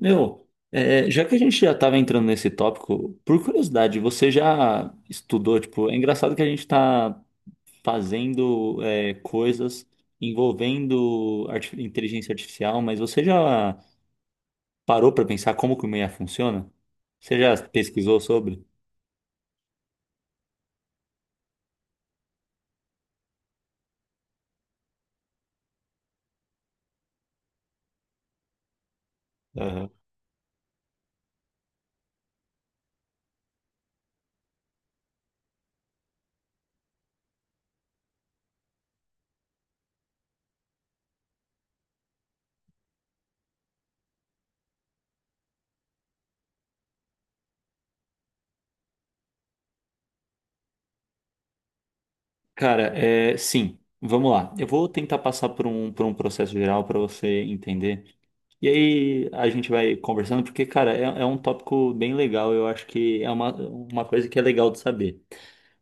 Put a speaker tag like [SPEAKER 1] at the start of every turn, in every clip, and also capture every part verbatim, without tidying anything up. [SPEAKER 1] Meu, é, já que a gente já estava entrando nesse tópico, por curiosidade, você já estudou, tipo, é engraçado que a gente está fazendo é, coisas envolvendo arti- inteligência artificial, mas você já parou para pensar como que o I A funciona? Você já pesquisou sobre? Aham. Cara, é, sim, vamos lá. Eu vou tentar passar por um, por um processo geral para você entender. E aí a gente vai conversando, porque, cara, é, é um tópico bem legal, eu acho que é uma, uma coisa que é legal de saber.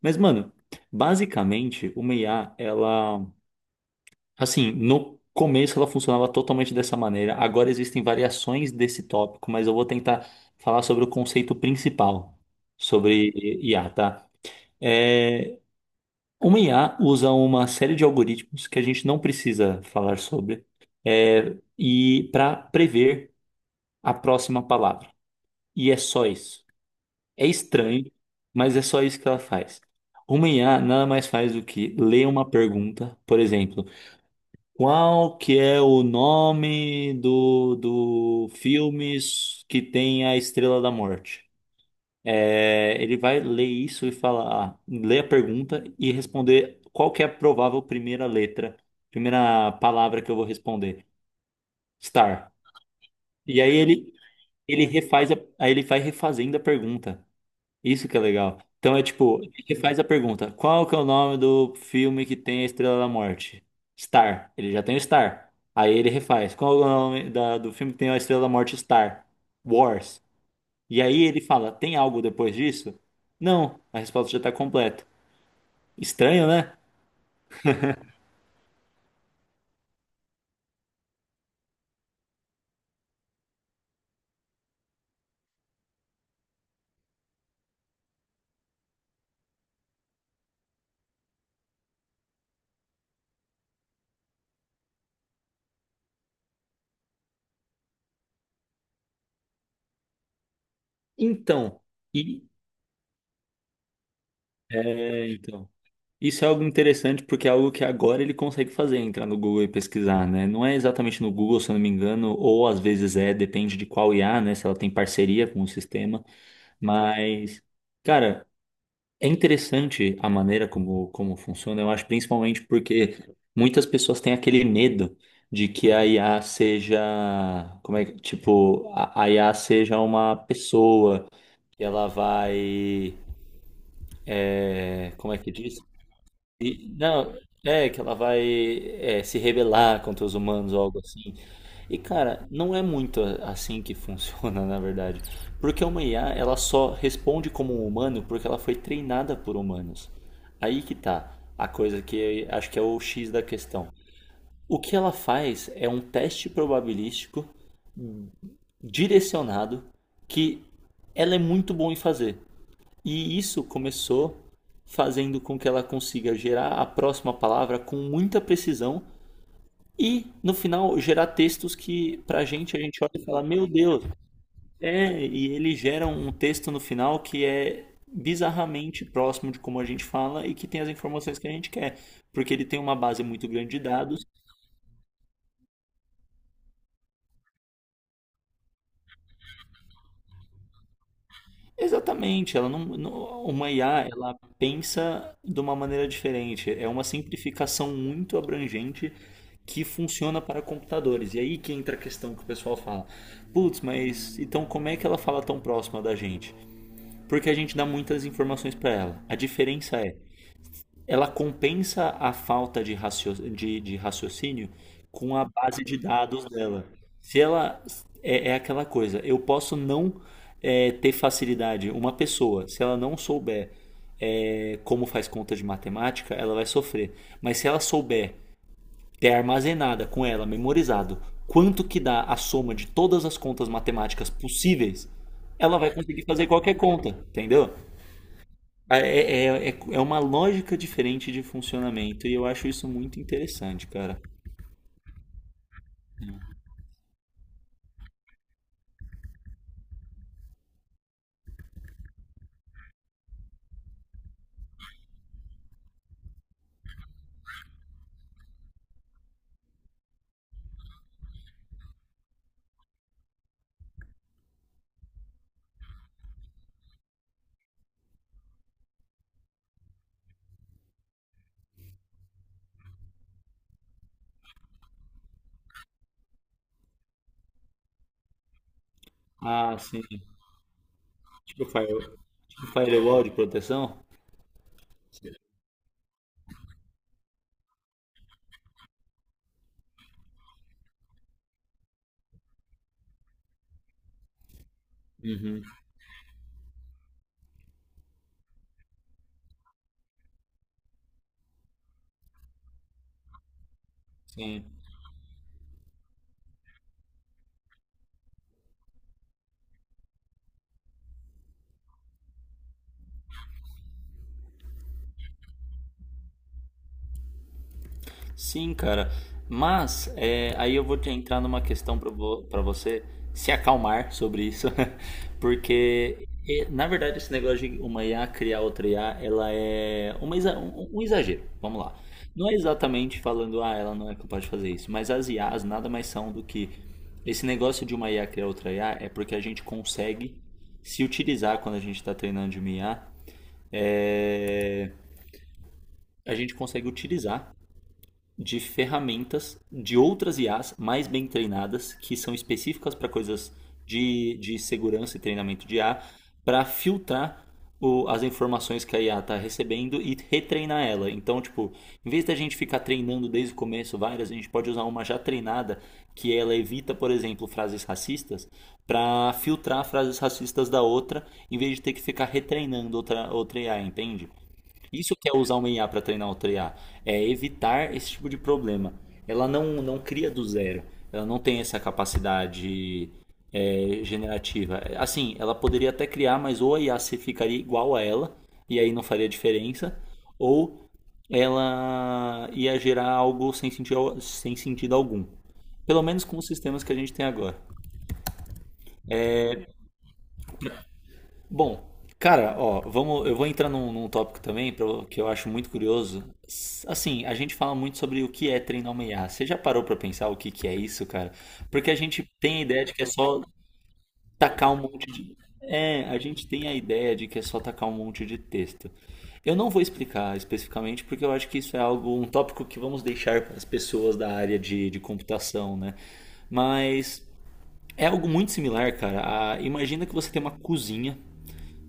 [SPEAKER 1] Mas, mano, basicamente, uma I A, ela, assim, no começo ela funcionava totalmente dessa maneira, agora existem variações desse tópico, mas eu vou tentar falar sobre o conceito principal sobre I A, tá? É, uma I A usa uma série de algoritmos que a gente não precisa falar sobre, é, e para prever a próxima palavra. E é só isso. É estranho, mas é só isso que ela faz. Uma I A nada mais faz do que ler uma pergunta, por exemplo, qual que é o nome do, do filme que tem a Estrela da Morte? É, ele vai ler isso e falar, ah, ler a pergunta e responder qual que é a provável primeira letra, primeira palavra que eu vou responder. Star. E aí ele, ele refaz a, aí ele vai refazendo a pergunta. Isso que é legal. Então é tipo, ele faz a pergunta: qual que é o nome do filme que tem a Estrela da Morte? Star. Ele já tem o Star. Aí ele refaz: qual é o nome da- do filme que tem a Estrela da Morte Star? Wars. E aí ele fala: tem algo depois disso? Não. A resposta já está completa. Estranho, né? Então. E. É, então. Isso é algo interessante porque é algo que agora ele consegue fazer, entrar no Google e pesquisar, né? Não é exatamente no Google, se eu não me engano, ou às vezes é, depende de qual I A, né? Se ela tem parceria com o sistema, mas, cara, é interessante a maneira como, como funciona, eu acho, principalmente porque muitas pessoas têm aquele medo de que a I A seja, como é que, tipo, a a I A seja uma pessoa que ela vai, é, como é que diz? E- não, é que ela vai é, se rebelar contra os humanos ou algo assim. E cara, não é muito a- assim que funciona, na verdade. Porque uma I A, ela só responde como um humano porque ela foi treinada por humanos. Aí que tá a coisa que eu acho que é o X da questão. O que ela faz é um teste probabilístico direcionado que ela é muito boa em fazer. E isso começou fazendo com que ela consiga gerar a próxima palavra com muita precisão e, no final, gerar textos que, pra gente, a gente olha e fala: Meu Deus, é. E ele gera um texto no final que é bizarramente próximo de como a gente fala e que tem as informações que a gente quer, porque ele tem uma base muito grande de dados. Exatamente, ela não, não- uma I A, ela pensa de uma maneira diferente. É uma simplificação muito abrangente que funciona para computadores. E aí que entra a questão que o pessoal fala: "Putz, mas então como é que ela fala tão próxima da gente?" Porque a gente dá muitas informações para ela. A diferença é ela compensa a falta de, racio- de- de raciocínio com a base de dados dela. Se ela é, é aquela coisa, eu posso não é, ter facilidade. Uma pessoa, se ela não souber é, como faz conta de matemática, ela vai sofrer. Mas se ela souber ter armazenada com ela, memorizado, quanto que dá a soma de todas as contas matemáticas possíveis, ela vai conseguir fazer qualquer conta, entendeu? Ah, É, é, é é uma lógica diferente de funcionamento e eu acho isso muito interessante, cara. Ah, sim. Pro fire- pro firewall de proteção? Sim. Sim, cara. Mas é, aí eu vou te entrar numa questão para vo pra você se acalmar sobre isso, porque é, na verdade esse negócio de uma I A criar outra I A, ela é uma exa- um, um exagero. Vamos lá. Não é exatamente falando, ah, ela não é capaz de fazer isso, mas as I As nada mais são do que esse negócio de uma I A criar outra I A é porque a gente consegue se utilizar quando a gente está treinando de uma I A, é, a gente consegue utilizar de ferramentas de outras I As mais bem treinadas, que são específicas para coisas de, de segurança e treinamento de I A, para filtrar o- as informações que a I A está recebendo e retreinar ela. Então, tipo, em vez da gente ficar treinando desde o começo várias, a gente pode usar uma já treinada que ela evita, por exemplo, frases racistas, para filtrar frases racistas da outra, em vez de ter que ficar retreinando outra, outra I A, entende? Isso que é usar uma I A para treinar outra I A, é evitar esse tipo de problema. Ela não, não cria do zero, ela não tem essa capacidade é, generativa. Assim, ela poderia até criar, mas ou a I A se ficaria igual a ela, e aí não faria diferença, ou ela ia gerar algo sem sentido, sem sentido algum. Pelo menos com os sistemas que a gente tem agora. Bom, cara, ó, vamos, eu vou entrar num, num tópico também pra- que eu acho muito curioso. S- Assim, a gente fala muito sobre o que é treinar uma I A. Você já parou pra pensar o que que é isso, cara? Porque a gente tem a ideia de que é só tacar um monte de. É, a gente tem a ideia de que é só tacar um monte de texto. Eu não vou explicar especificamente porque eu acho que isso é algo, um tópico que vamos deixar para as pessoas da área de, de computação, né? Mas é algo muito similar, cara. A- imagina que você tem uma cozinha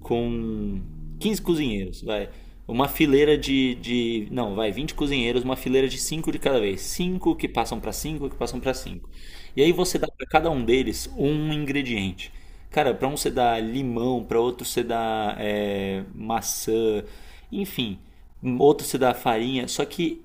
[SPEAKER 1] com quinze cozinheiros, vai. Uma fileira de, de. Não, vai, vinte cozinheiros, uma fileira de cinco de cada vez. Cinco que passam para cinco que passam para cinco. E aí você dá para cada um deles um ingrediente. Cara, para um você dá limão, para outro você dá é, maçã, enfim, outro você dá farinha. Só que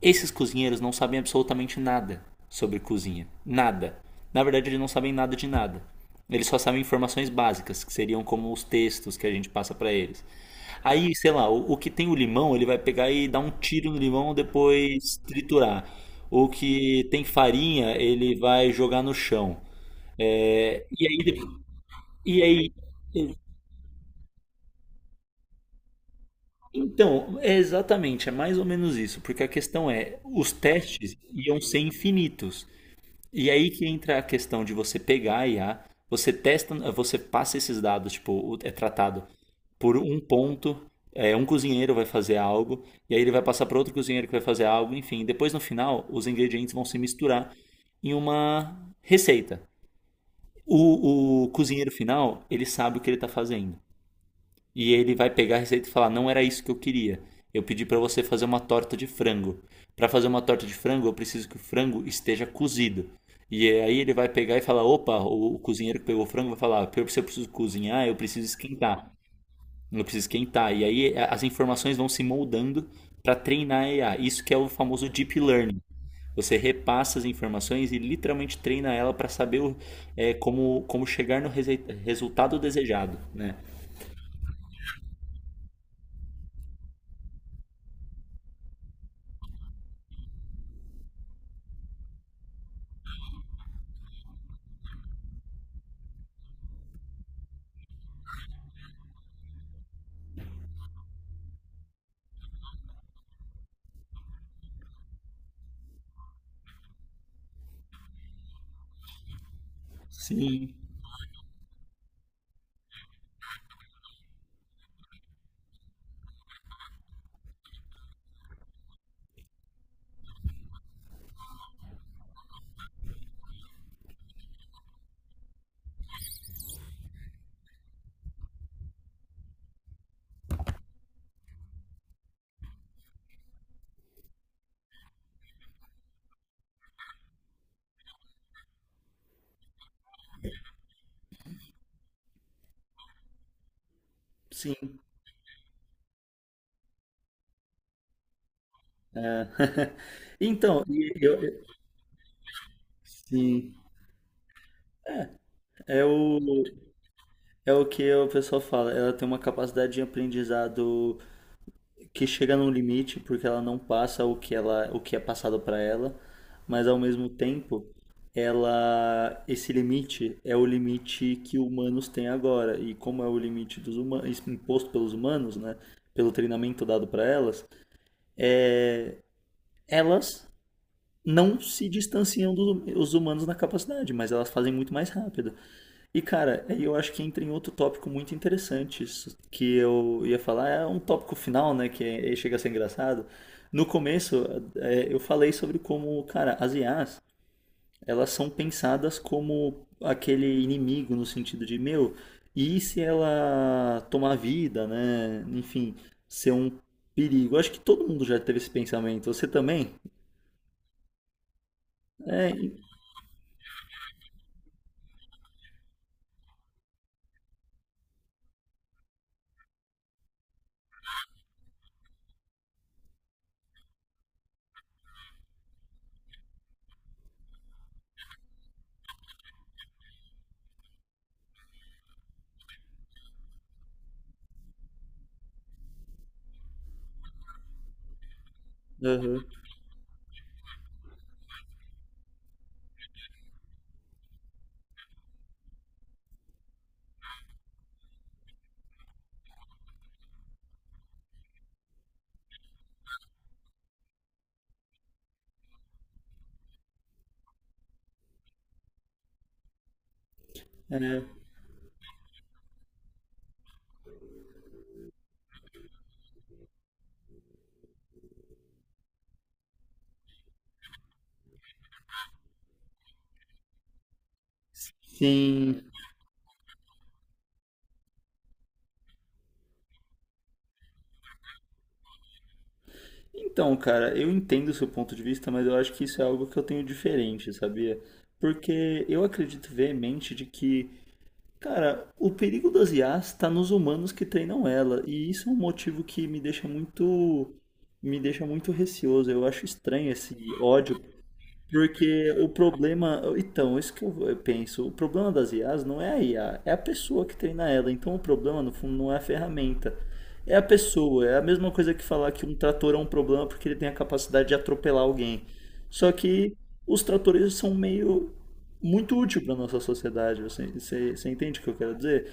[SPEAKER 1] esses cozinheiros não sabem absolutamente nada sobre cozinha. Nada. Na verdade, eles não sabem nada de nada. Eles só sabem informações básicas, que seriam como os textos que a gente passa para eles. Aí, sei lá, o, o que tem o limão, ele vai pegar e dar um tiro no limão, depois triturar. O que tem farinha, ele vai jogar no chão. É, e aí, de- e aí, então, é exatamente, é mais ou menos isso, porque a questão é, os testes iam ser infinitos. E aí que entra a questão de você pegar a I A, você testa, você passa esses dados, tipo, é tratado por um ponto, é, um cozinheiro vai fazer algo, e aí ele vai passar para outro cozinheiro que vai fazer algo, enfim. Depois no final, os ingredientes vão se misturar em uma receita. O, o cozinheiro final, ele sabe o que ele está fazendo e ele vai pegar a receita e falar: "Não era isso que eu queria. Eu pedi para você fazer uma torta de frango. Para fazer uma torta de frango, eu preciso que o frango esteja cozido." E aí ele vai pegar e falar: "Opa, o cozinheiro que pegou o frango vai falar: "Pior que se eu preciso cozinhar, eu preciso esquentar." Eu preciso esquentar. E aí as informações vão se moldando para treinar a AI. Isso que é o famoso deep learning. Você repassa as informações e literalmente treina ela para saber o- é, como, como chegar no rese- resultado desejado, né? Sim, sim. É. Então, e eu, eu- sim, é o, é o que o pessoal fala. Ela tem uma capacidade de aprendizado que chega num limite, porque ela não passa o que ela, o que é passado para ela, mas ao mesmo tempo, ela, esse limite é o limite que humanos têm agora. E como é o limite dos humanos, imposto pelos humanos, né, pelo treinamento dado para elas, é, elas não se distanciam dos humanos na capacidade, mas elas fazem muito mais rápido. E, cara, aí eu acho que entra em outro tópico muito interessante, isso que eu ia falar, é um tópico final, né, que é- chega a ser engraçado. No começo, é, eu falei sobre como, cara, as I As, elas são pensadas como aquele inimigo no sentido de, meu, e se ela tomar vida, né, enfim, ser um perigo. Acho que todo mundo já teve esse pensamento, você também? É, e- Aham. É, sim. Então, cara, eu entendo o seu ponto de vista, mas eu acho que isso é algo que eu tenho diferente, sabia? Porque eu acredito veemente de que, cara, o perigo das I As está nos humanos que treinam ela, e isso é um motivo que me deixa muito, me deixa muito receoso. Eu acho estranho esse ódio. Porque o problema. Então, isso que eu eu penso. O problema das I As não é a I A, é a pessoa que treina ela. Então, o problema, no fundo, não é a ferramenta. É a pessoa. É a mesma coisa que falar que um trator é um problema porque ele tem a capacidade de atropelar alguém. Só que os tratores são meio. Muito útil para nossa sociedade. Você, você, você entende o que eu quero dizer?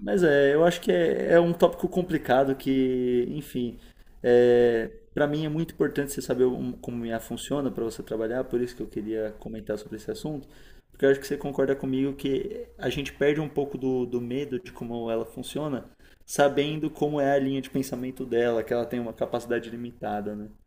[SPEAKER 1] Mas é, eu acho que é, é um tópico complicado que, enfim, é, para mim é muito importante você saber um- como I A funciona para você trabalhar, por isso que eu queria comentar sobre esse assunto, porque eu acho que você concorda comigo que a gente perde um pouco do, do medo de como ela funciona, sabendo como é a linha de pensamento dela, que ela tem uma capacidade limitada, né?